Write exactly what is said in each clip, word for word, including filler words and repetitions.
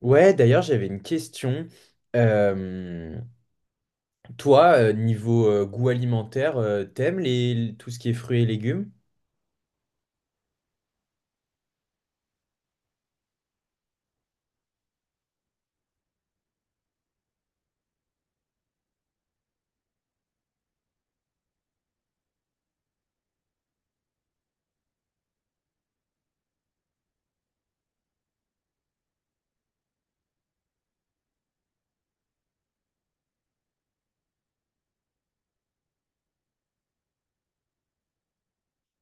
Ouais, d'ailleurs, j'avais une question. Euh, Toi, euh, niveau euh, goût alimentaire, euh, t'aimes les, l- tout ce qui est fruits et légumes?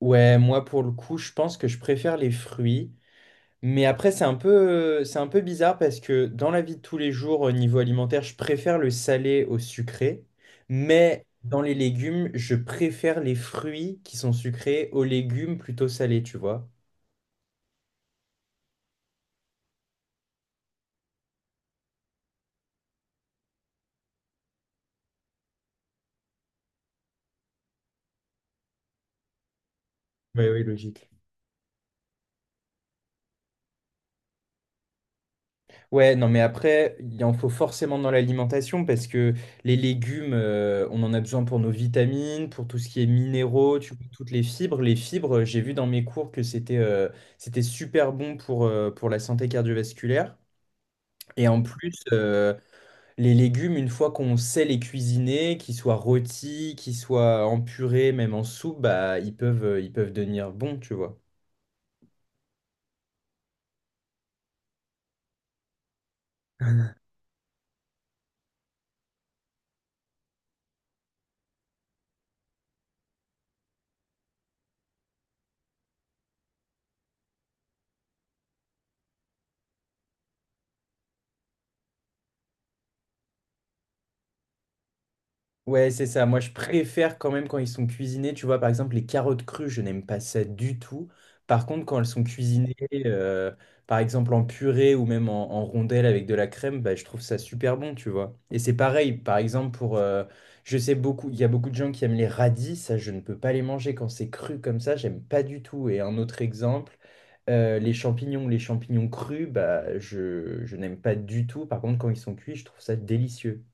Ouais, moi, pour le coup, je pense que je préfère les fruits. Mais après, c'est un peu, euh, c'est un peu bizarre parce que dans la vie de tous les jours, au niveau alimentaire, je préfère le salé au sucré. Mais dans les légumes, je préfère les fruits qui sont sucrés aux légumes plutôt salés, tu vois? Oui, oui, logique. Ouais, non, mais après, il en faut forcément dans l'alimentation parce que les légumes, euh, on en a besoin pour nos vitamines, pour tout ce qui est minéraux, tu vois, toutes les fibres. Les fibres, j'ai vu dans mes cours que c'était euh, c'était super bon pour, euh, pour la santé cardiovasculaire. Et en plus, euh, les légumes, une fois qu'on sait les cuisiner, qu'ils soient rôtis, qu'ils soient en purée, même en soupe, bah, ils peuvent, euh, ils peuvent devenir bons, tu vois. Ouais, c'est ça. Moi, je préfère quand même quand ils sont cuisinés. Tu vois, par exemple, les carottes crues, je n'aime pas ça du tout. Par contre, quand elles sont cuisinées, euh, par exemple en purée ou même en, en rondelles avec de la crème, bah, je trouve ça super bon, tu vois. Et c'est pareil, par exemple, pour, euh, je sais beaucoup, il y a beaucoup de gens qui aiment les radis. Ça, je ne peux pas les manger quand c'est cru comme ça. J'aime pas du tout. Et un autre exemple, euh, les champignons, les champignons crus, bah, je, je n'aime pas du tout. Par contre, quand ils sont cuits, je trouve ça délicieux.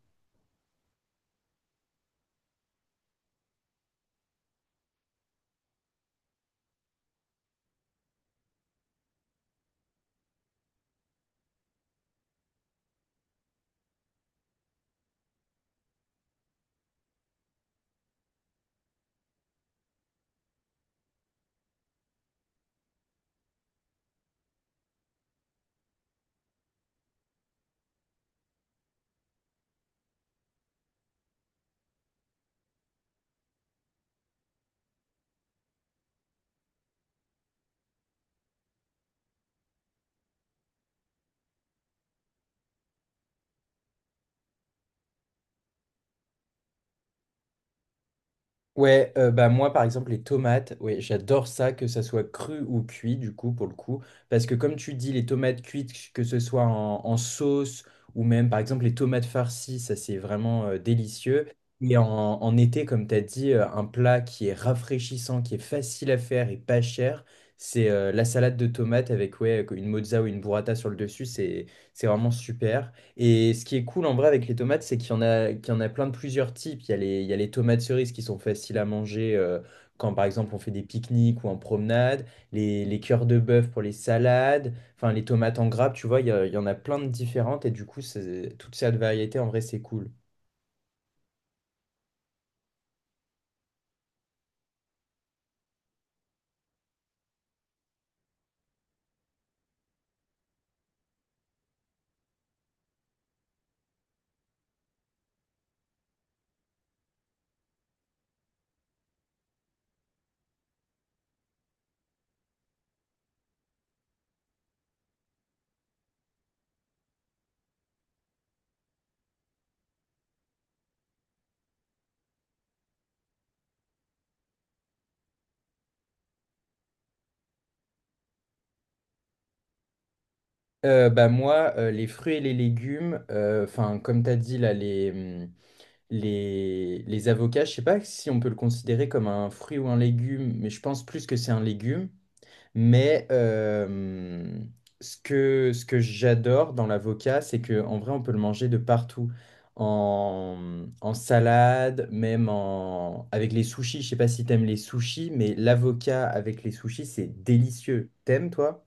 Ouais, euh, bah moi par exemple les tomates, ouais, j'adore ça, que ça soit cru ou cuit du coup pour le coup, parce que comme tu dis les tomates cuites, que ce soit en, en sauce ou même par exemple les tomates farcies, ça c'est vraiment euh, délicieux. Et en, en été, comme tu as dit, euh, un plat qui est rafraîchissant, qui est facile à faire et pas cher, c'est euh, la salade de tomates avec ouais, une mozza ou une burrata sur le dessus, c'est c'est vraiment super. Et ce qui est cool en vrai avec les tomates, c'est qu'il y en a, qu'il y en a plein de plusieurs types. Il y a les, il y a les tomates cerises qui sont faciles à manger euh, quand par exemple on fait des pique-niques ou en promenade, les, les cœurs de bœuf pour les salades, enfin les tomates en grappe, tu vois, il y, a- il y en a plein de différentes et du coup, c'est- toute cette variété en vrai, c'est cool. Euh, bah moi, euh, les fruits et les légumes, euh, enfin comme tu as dit là, les, hum, les, les avocats, je sais pas si on peut le considérer comme un fruit ou un légume, mais je pense plus que c'est un légume. Mais euh, ce que, ce que j'adore dans l'avocat, c'est que en vrai, on peut le manger de partout. En, en salade, même en, avec les sushis. Je sais pas si t'aimes les sushis, mais l'avocat avec les sushis, c'est délicieux. T'aimes, toi?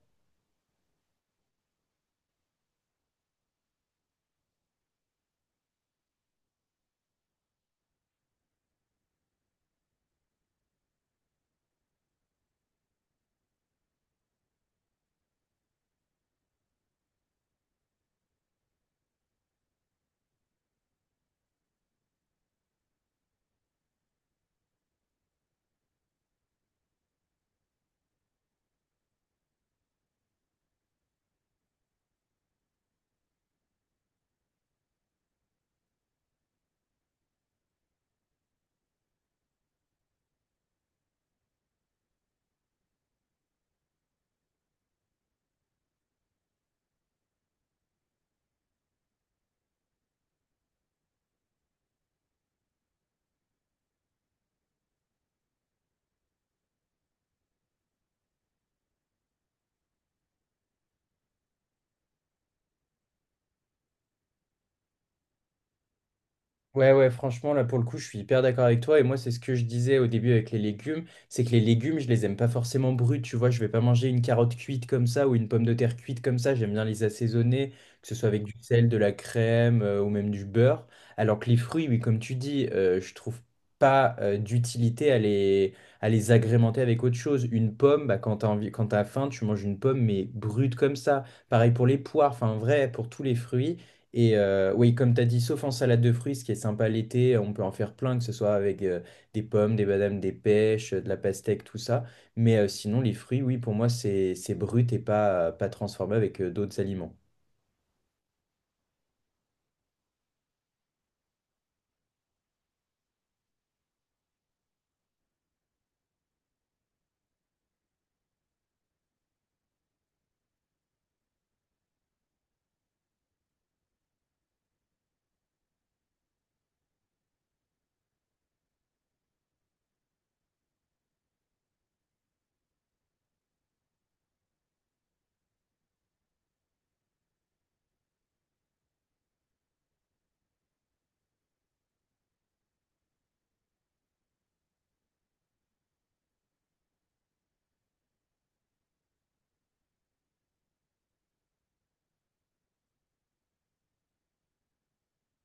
Ouais, ouais, franchement, là, pour le coup, je suis hyper d'accord avec toi. Et moi, c'est ce que je disais au début avec les légumes, c'est que les légumes, je les aime pas forcément bruts, tu vois. Je vais pas manger une carotte cuite comme ça ou une pomme de terre cuite comme ça. J'aime bien les assaisonner, que ce soit avec du sel, de la crème euh, ou même du beurre. Alors que les fruits, oui, comme tu dis, euh, je trouve pas euh, d'utilité à les, à les agrémenter avec autre chose. Une pomme, bah, quand t'as envie, quand t'as faim, tu manges une pomme, mais brute comme ça. Pareil pour les poires, enfin, en vrai, pour tous les fruits. Et euh, oui, comme tu as dit, sauf en salade de fruits, ce qui est sympa l'été, on peut en faire plein, que ce soit avec euh, des pommes, des badames, des pêches, euh, de la pastèque, tout ça. Mais euh, sinon, les fruits, oui, pour moi, c'est c'est brut et pas, pas transformé avec euh, d'autres aliments.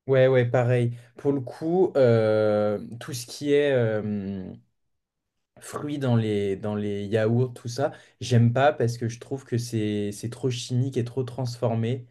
Ouais, ouais, pareil. Pour le coup, euh, tout ce qui est euh, fruits dans les, dans les yaourts, tout ça, j'aime pas parce que je trouve que c'est c'est trop chimique et trop transformé.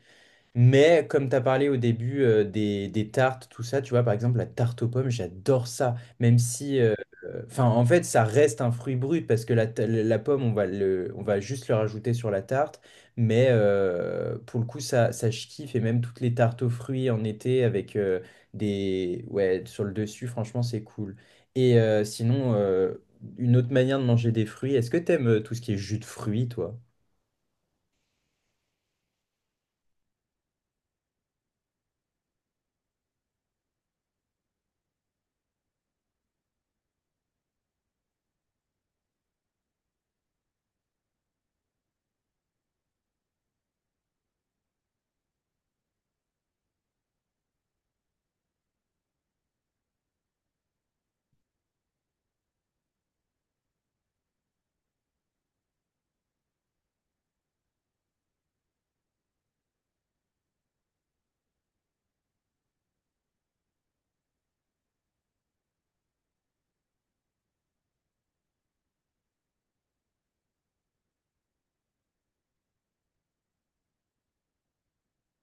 Mais comme tu as parlé au début euh, des, des tartes, tout ça, tu vois, par exemple, la tarte aux pommes, j'adore ça. Même si, euh, euh, enfin, en fait, ça reste un fruit brut parce que la, ta- la pomme, on va le, on va juste le rajouter sur la tarte. Mais euh, pour le coup, ça, ça, je kiffe. Et même toutes les tartes aux fruits en été avec euh, des, ouais, sur le dessus, franchement, c'est cool. Et euh, sinon, euh, une autre manière de manger des fruits, est-ce que t'aimes euh, tout ce qui est jus de fruits, toi?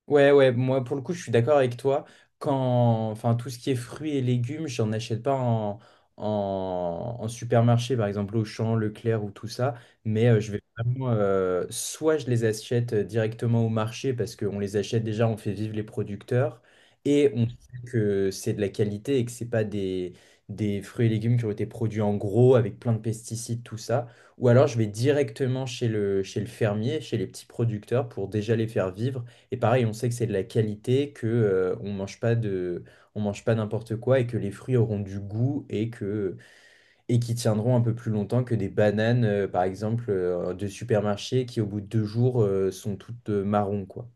Ouais, ouais, moi pour le coup, je suis d'accord avec toi. Quand, enfin, tout ce qui est fruits et légumes, j'en achète pas en, en, en supermarché, par exemple Auchan, Leclerc ou tout ça. Mais euh, je vais vraiment, euh, soit je les achète euh, directement au marché parce qu'on les achète déjà, on fait vivre les producteurs et on sait que c'est de la qualité et que c'est pas des, des fruits et légumes qui ont été produits en gros avec plein de pesticides, tout ça. Ou alors je vais directement chez le, chez le fermier, chez les petits producteurs pour déjà les faire vivre et pareil, on sait que c'est de la qualité, que euh, on mange pas de, on mange pas n'importe quoi et que les fruits auront du goût et que et qui tiendront un peu plus longtemps que des bananes, euh, par exemple, euh, de supermarché qui au bout de deux jours euh, sont toutes euh, marron, quoi.